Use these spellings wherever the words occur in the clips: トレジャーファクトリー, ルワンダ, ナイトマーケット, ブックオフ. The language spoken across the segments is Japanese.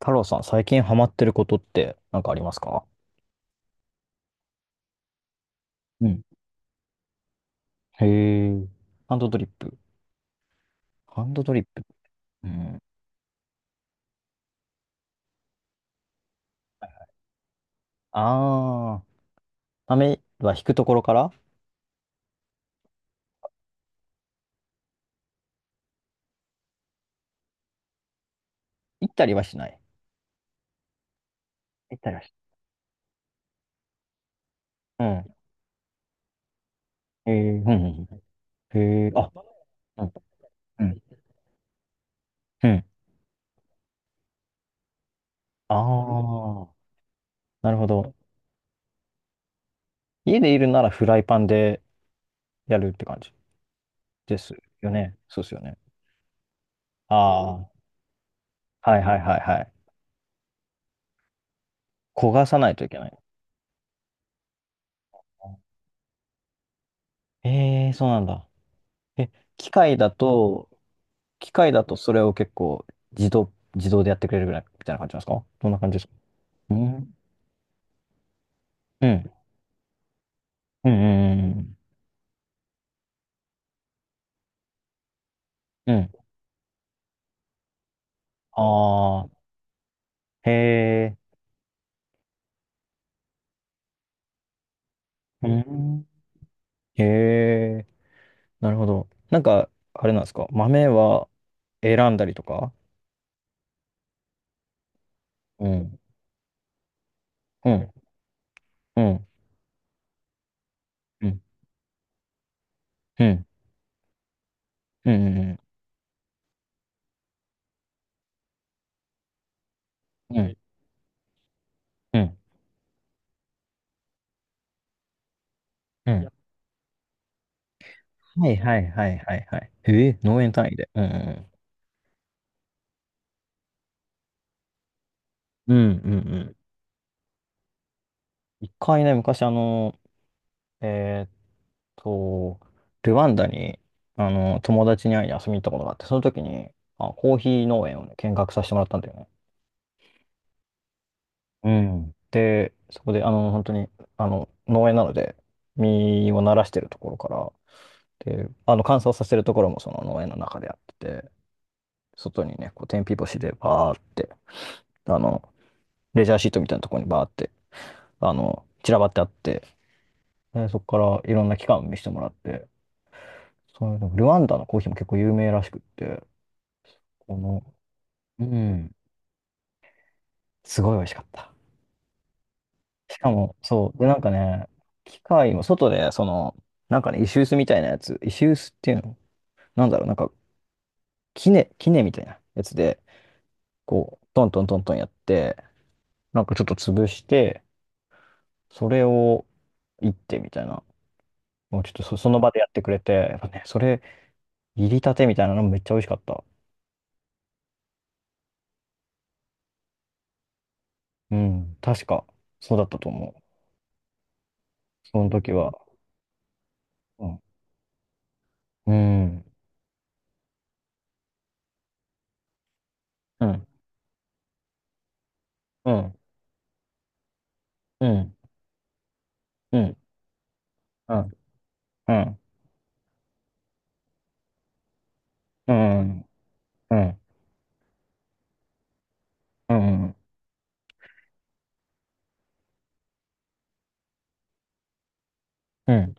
太郎さん、最近ハマってることって何かありますか？うん。へえ。ハンドドリップ。ハンドドリップ。うん。あー。雨は引くところから行ったりはしない？行ったりはしない。うん。へえ。うんうんうん。へえ。あ、うん。うん。うん。あー。なるほど。家でいるならフライパンでやるって感じ？ですよね。そうですよね。あー。はいはいはいはい。焦がさないといけない。えー、そうなんだ。え、機械だと、機械だとそれを結構自動でやってくれるぐらいみたいな感じなんですか？どんな感じですか？うん。うん。うん。うん。うん。ああー、へえ。うん。へえ。なるほど。なんか、あれなんですか、豆は選んだりとか？うん。うん。うん。うん。うん。うん。うん。うん。うん。はいはいはいはいはい。へえ、農園単位で。うん。うん。うん。うん。うん。一回ね、昔えと、ルワンダに、友達に会いに遊びに行ったことがあって、その時に、あ、コーヒー農園をね、見学させてもらったんだよね。うん。で、そこで、本当に、農園なので、実をならしてるところから、で、乾燥させるところもその農園の中でやってて、外にね、こう、天日干しでバーって、あの、レジャーシートみたいなところにバーって、散らばってあって、で、そこからいろんな機関を見せてもらって、そういうの、ルワンダのコーヒーも結構有名らしくって、この、うん。すごい美味しかった。しかも、そう。で、なんかね、機械も外で、その、なんかね、石臼みたいなやつ、石臼っていうの、なんだろう、なんか、杵みたいなやつで、こう、トントントントンやって、なんかちょっと潰して、それを、いってみたいな、もうちょっとそ、その場でやってくれて、やっぱね、それ、入りたてみたいなのめっちゃ美味しかった。うん、確か、そうだったと思う。その時は。うん、うん、うん、うん、うん、うん、うん、うん。うん、うん、うん、うん。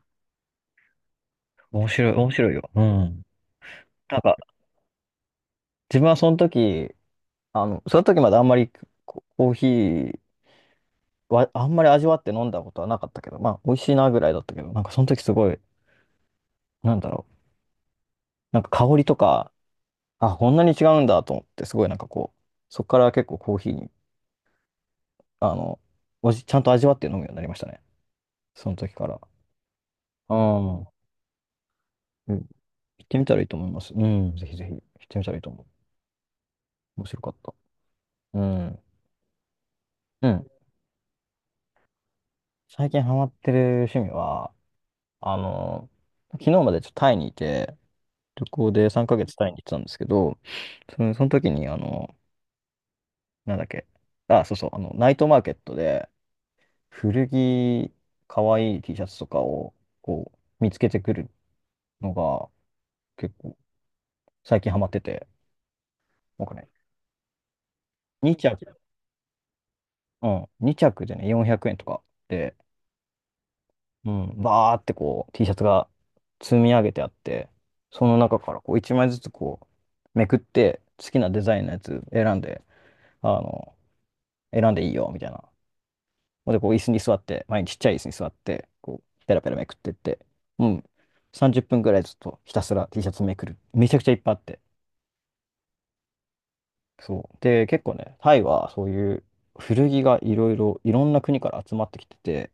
面白い、面白いよ。うん。なんか、自分はその時、その時まであんまりココーヒーは、あんまり味わって飲んだことはなかったけど、まあ、美味しいなぐらいだったけど、なんかその時すごい、なんだろう、なんか香りとか、あ、こんなに違うんだと思って、すごいなんかこう、そこから結構コーヒーに、あの、ちゃんと味わって飲むようになりましたね。その時から。うん。うん。行ってみたらいいと思います。うん、ぜひぜひ行ってみたらいいと思う。面白かった。うん。うん。最近ハマってる趣味は、あの、昨日までちょっとタイにいて、旅行で3ヶ月タイに行ってたんですけど、その、その時に、なんだっけ、あ、そうそう、ナイトマーケットで古着、かわいい T シャツとかを、こう、見つけてくるのが、結構、最近ハマってて、なんかね、2着、うん、2着でね、400円とかで、うん、バーってこう T シャツが積み上げてあって、その中からこう1枚ずつこうめくって好きなデザインのやつ選んで、あの、選んでいいよみたいな。で、こう椅子に座って、前にちっちゃい椅子に座って、こうペラペラめくってって、うん、30分くらいずっとひたすら T シャツめくる。めちゃくちゃいっぱいあって。そう。で、結構ね、タイはそういう古着がいろいろ、いろんな国から集まってきてて、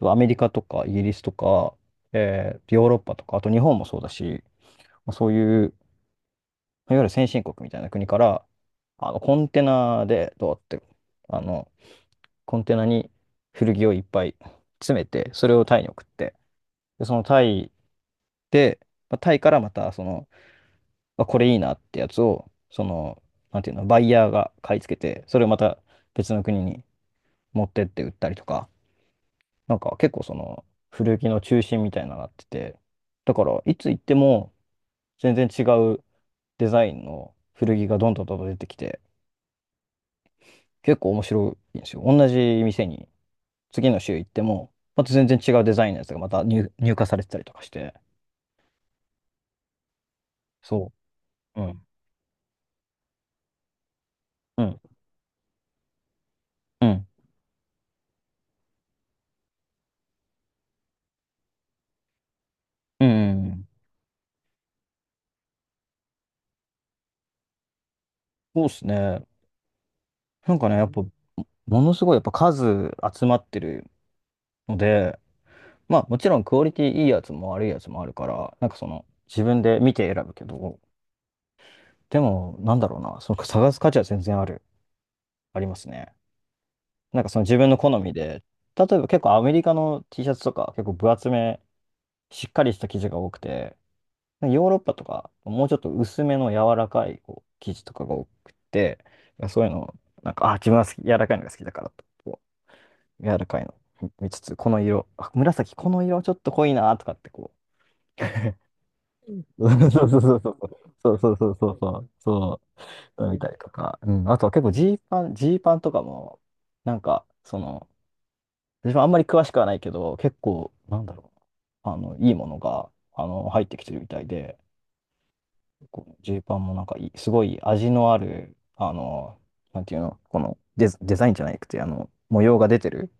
アメリカとかイギリスとか、ヨーロッパとか、あと日本もそうだし、まあそういう、いわゆる先進国みたいな国から、コンテナで、どうやって、あの、コンテナに古着をいっぱい詰めて、それをタイに送って、で、そのタイで、まあタイからまた、その、あ、これいいなってやつを、その、なんていうの、バイヤーが買い付けて、それをまた別の国に持ってって売ったりとか、なんか結構その、古着の中心みたいなのになってて、だから、いつ行っても全然違うデザインの古着がどんどんどんどん出てきて、結構面白いんですよ。同じ店に次の週行っても、また全然違うデザインのやつがまた入荷されてたりとかして。そう。うん。うん。うん。うん。そうですね。なんかね、やっぱ、ものすごいやっぱ数集まってるので、まあもちろんクオリティいいやつも悪いやつもあるから、なんかその自分で見て選ぶけど、でもなんだろうな、その探す価値は全然ある、ありますね。なんかその自分の好みで、例えば結構アメリカの T シャツとか結構分厚めしっかりした生地が多くて、ヨーロッパとか、もうちょっと薄めの柔らかいこう生地とかが多くて、そういうのを、なんか、あ、自分は好き柔らかいのが好きだからと、こう柔らかいの見つつ、この色、あ、紫、この色ちょっと濃いなとかってこう、そうそうそうそうそう、そうそうそうそう、そう、見たりとか、うん、あとは結構ジーパンとかも、なんか、その、私もあんまり詳しくはないけど、結構、なんだろう、いいものが、入ってきてるみたいで、このジーパンもなんかいい、すごい味のある、なんていうの、このデザ、デザインじゃなくて、模様が出てる、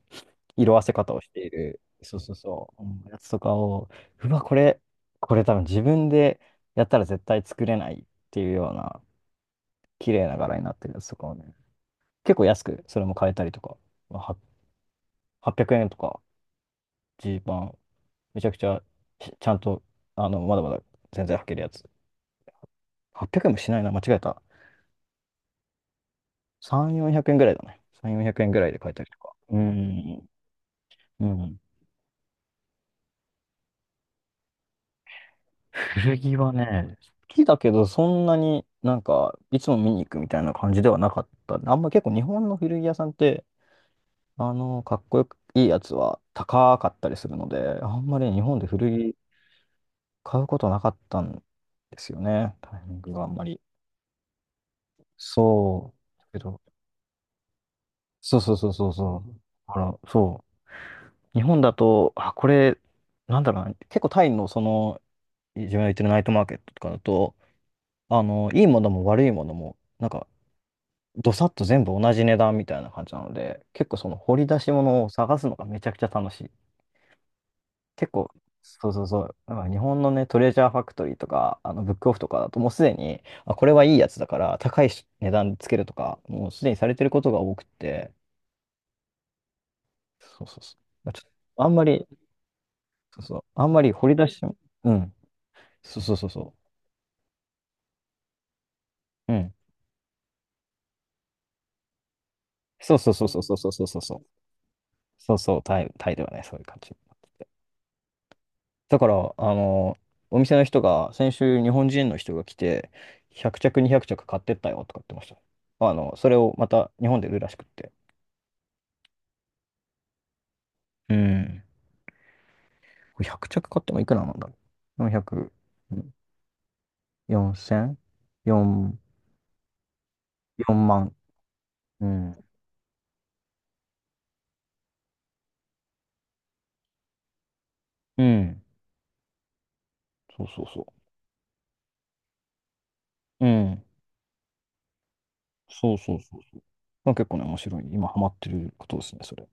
色あせ方をしている、そうそうそう、うん、やつとかを、うわ、これ多分自分でやったら絶対作れないっていうような、綺麗な柄になってるやつとかをね、結構安く、それも買えたりとか、まあは800円とか、ジーパン、めちゃくちゃ、ちゃんと、まだまだ全然履けるやつ。800円もしないな、間違えた。3、400円ぐらいだね。3、400円ぐらいで買えたりとか。うん。うん。古着はね、好きだけど、そんなになんか、いつも見に行くみたいな感じではなかった。あんま結構日本の古着屋さんって、かっこよくいいやつは高かったりするので、あんまり日本で古着買うことなかったんですよね。タイミングがあんまり。そう。だけど、そうそうそうそうそう。あら、そう。日本だと、あ、これ、なんだろうな、結構タイのその自分が言ってるナイトマーケットとかだと、いいものも悪いものも、なんか、どさっと全部同じ値段みたいな感じなので、結構その掘り出し物を探すのがめちゃくちゃ楽しい。結構、そうそうそう、なんか日本のね、トレジャーファクトリーとか、ブックオフとかだと、もうすでに、あ、これはいいやつだから、高いし値段でつけるとか、もうすでにされてることが多くて、そうそうそう。ちょっとあんまり、そうそう、あんまり掘り出し、うん、そうそうそうそう、うん、そうそうそうそうそうそうそうそう。そうそう、タイではね、そういう感じになってて。だから、お店の人が、先週日本人の人が来て、100着、200着買ってったよとか言ってました。それをまた日本で売るらしくって。うん。これ100着買ってもいくらなんだろう。400、うん、4 0 4、万。うん。うん。そうそうそう。うん。そうそうそうそう。まあ、結構ね、面白い。今ハマってることですね、それ。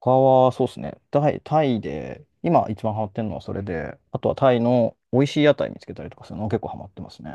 他はそうですね。タイで、今一番ハマってるのはそれで、あとはタイの美味しい屋台見つけたりとかするの結構ハマってますね。